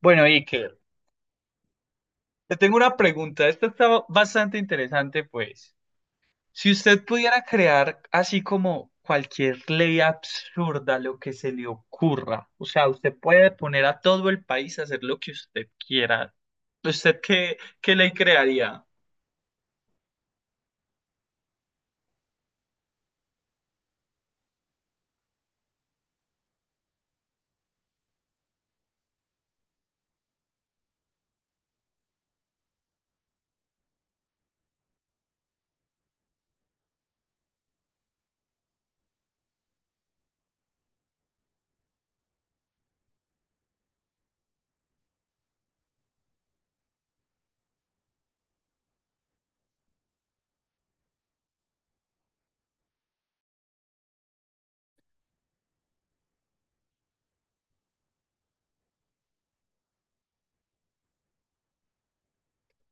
Bueno, Iker, te tengo una pregunta. Esta está bastante interesante, pues. Si usted pudiera crear así como cualquier ley absurda, lo que se le ocurra, o sea, usted puede poner a todo el país a hacer lo que usted quiera. ¿Usted qué ley crearía?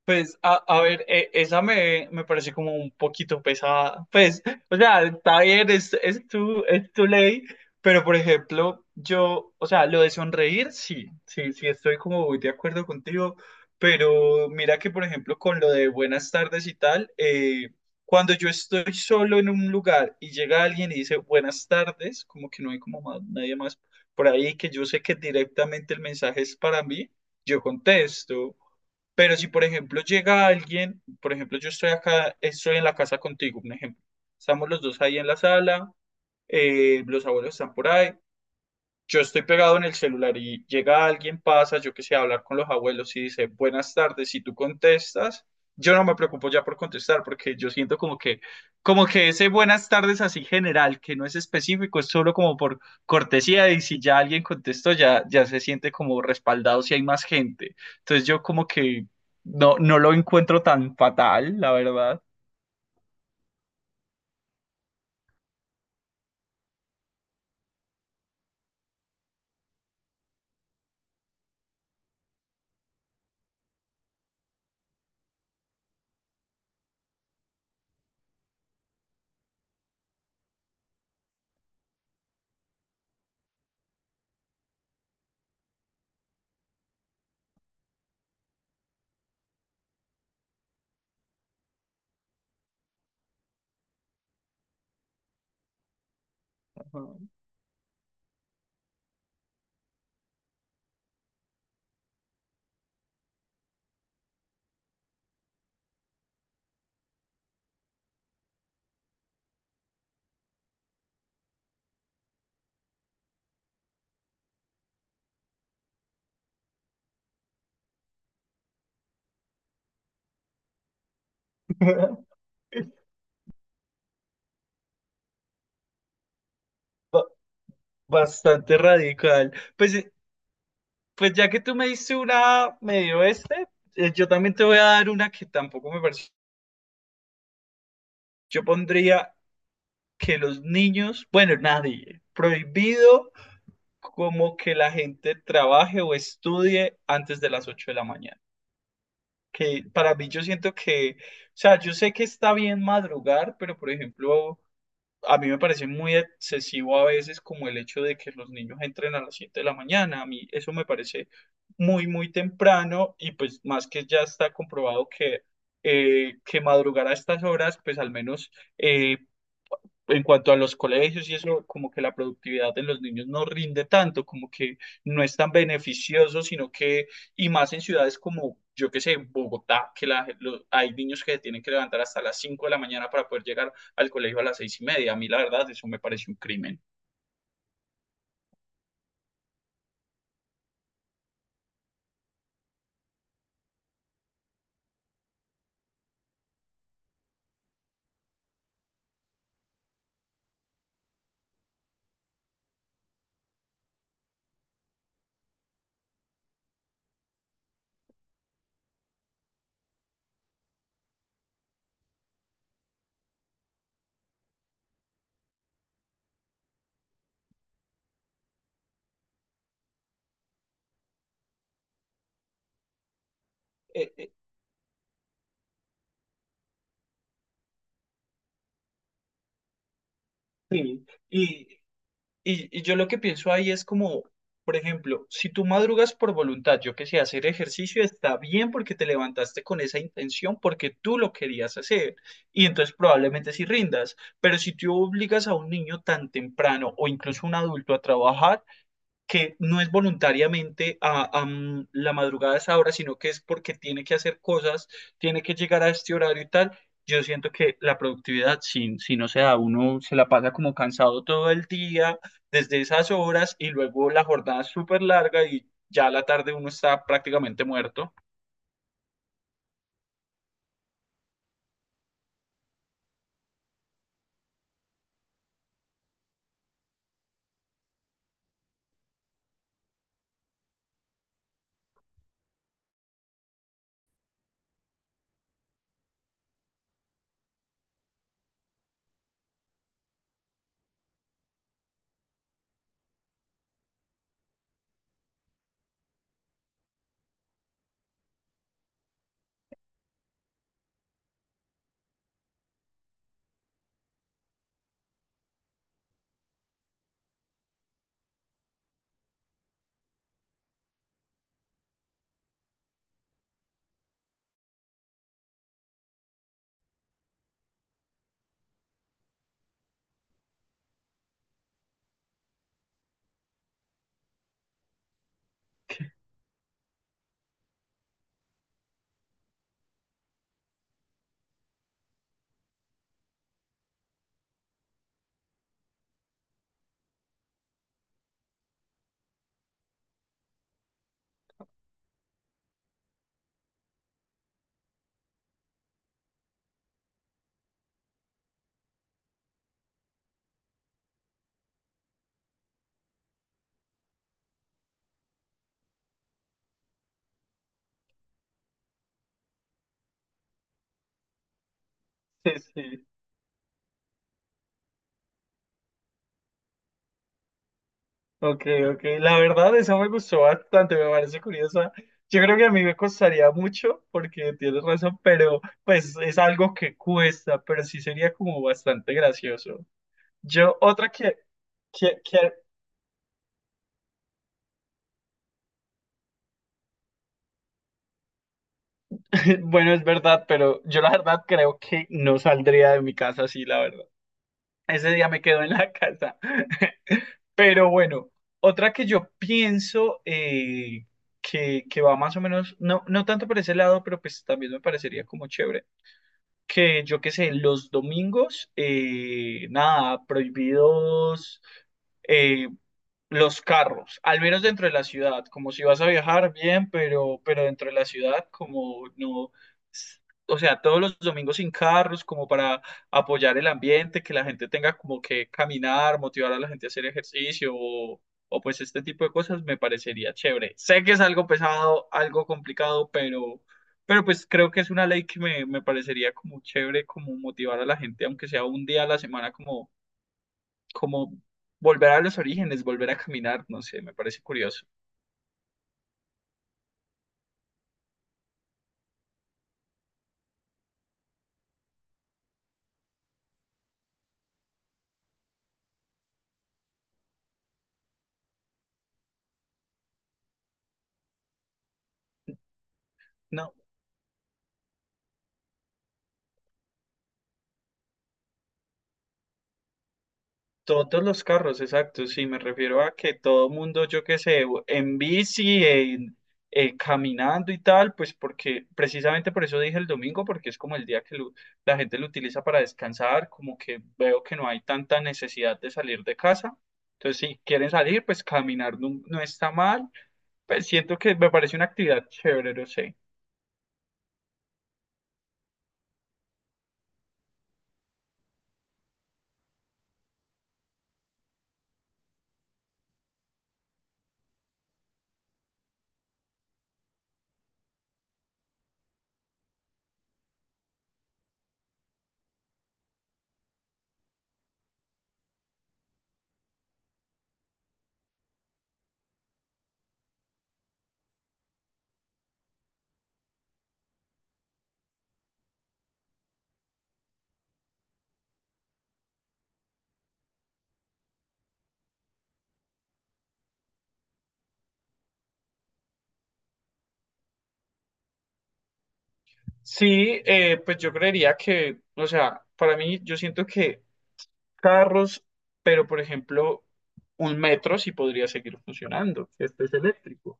Pues, a ver, esa me parece como un poquito pesada. Pues, o sea, está bien, es tu ley, pero por ejemplo, yo, o sea, lo de sonreír, sí, sí, sí, estoy como muy de acuerdo contigo, pero mira que, por ejemplo, con lo de buenas tardes y tal, cuando yo estoy solo en un lugar y llega alguien y dice buenas tardes, como que no hay como nadie más por ahí, que yo sé que directamente el mensaje es para mí, yo contesto. Pero si, por ejemplo, llega alguien, por ejemplo, yo estoy acá, estoy en la casa contigo, un ejemplo. Estamos los dos ahí en la sala, los abuelos están por ahí, yo estoy pegado en el celular y llega alguien, pasa, yo que sé, a hablar con los abuelos y dice, buenas tardes, si tú contestas, yo no me preocupo ya por contestar porque yo siento como que ese buenas tardes así general, que no es específico, es solo como por cortesía y si ya alguien contestó, ya, ya se siente como respaldado si hay más gente. Entonces yo como que no, no lo encuentro tan fatal, la verdad. Ajá. Ba- Bastante radical. Pues ya que tú me diste una medio este, yo también te voy a dar una que tampoco me parece. Yo pondría que los niños, bueno, nadie, prohibido como que la gente trabaje o estudie antes de las 8 de la mañana. Que para mí yo siento que, o sea, yo sé que está bien madrugar, pero por ejemplo, a mí me parece muy excesivo a veces como el hecho de que los niños entren a las 7 de la mañana. A mí eso me parece muy, muy temprano y pues más que ya está comprobado que madrugar a estas horas, pues al menos eh, en cuanto a los colegios y eso, como que la productividad de los niños no rinde tanto, como que no es tan beneficioso, sino que, y más en ciudades como, yo qué sé, Bogotá, que hay niños que se tienen que levantar hasta las 5 de la mañana para poder llegar al colegio a las 6:30. A mí, la verdad, eso me parece un crimen. Eh, eh, sí, y yo lo que pienso ahí es como, por ejemplo, si tú madrugas por voluntad, yo que sé, hacer ejercicio está bien porque te levantaste con esa intención, porque tú lo querías hacer, y entonces probablemente sí rindas, pero si tú obligas a un niño tan temprano o incluso un adulto a trabajar, que no es voluntariamente a la madrugada a esa hora, sino que es porque tiene que hacer cosas, tiene que llegar a este horario y tal. Yo siento que la productividad, si, si no se da, uno se la pasa como cansado todo el día, desde esas horas, y luego la jornada es súper larga y ya a la tarde uno está prácticamente muerto. Sí, sí. Ok, ok. La verdad, esa me gustó bastante, me parece curiosa. Yo creo que a mí me costaría mucho, porque tienes razón, pero pues es algo que cuesta, pero sí sería como bastante gracioso. Yo, otra que, bueno, es verdad, pero yo la verdad creo que no saldría de mi casa así, la verdad. Ese día me quedo en la casa. Pero bueno, otra que yo pienso que va más o menos, no, no tanto por ese lado, pero pues también me parecería como chévere que yo qué sé, los domingos, nada, prohibidos. eh, los carros, al menos dentro de la ciudad, como si vas a viajar, bien, pero dentro de la ciudad, como no, s- o sea, todos los domingos sin carros, como para apoyar el ambiente, que la gente tenga como que caminar, motivar a la gente a hacer ejercicio o pues este tipo de cosas, me parecería chévere. Sé que es algo pesado, algo complicado, pero pues creo que es una ley que me parecería como chévere, como motivar a la gente, aunque sea un día a la semana, como como volver a los orígenes, volver a caminar, no sé, me parece curioso. No, todos los carros, exacto, sí, me refiero a que todo mundo, yo qué sé, en bici, caminando y tal, pues porque precisamente por eso dije el domingo, porque es como el día que la gente lo utiliza para descansar, como que veo que no hay tanta necesidad de salir de casa. Entonces, si quieren salir, pues caminar no, no está mal. Pues siento que me parece una actividad chévere, no sé. Sí, pues yo creería que, o sea, para mí yo siento que carros, pero por ejemplo, un metro sí podría seguir funcionando, que este es eléctrico.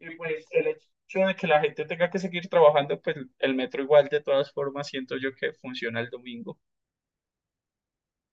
Y pues el hecho de que la gente tenga que seguir trabajando, pues el metro igual de todas formas siento yo que funciona el domingo.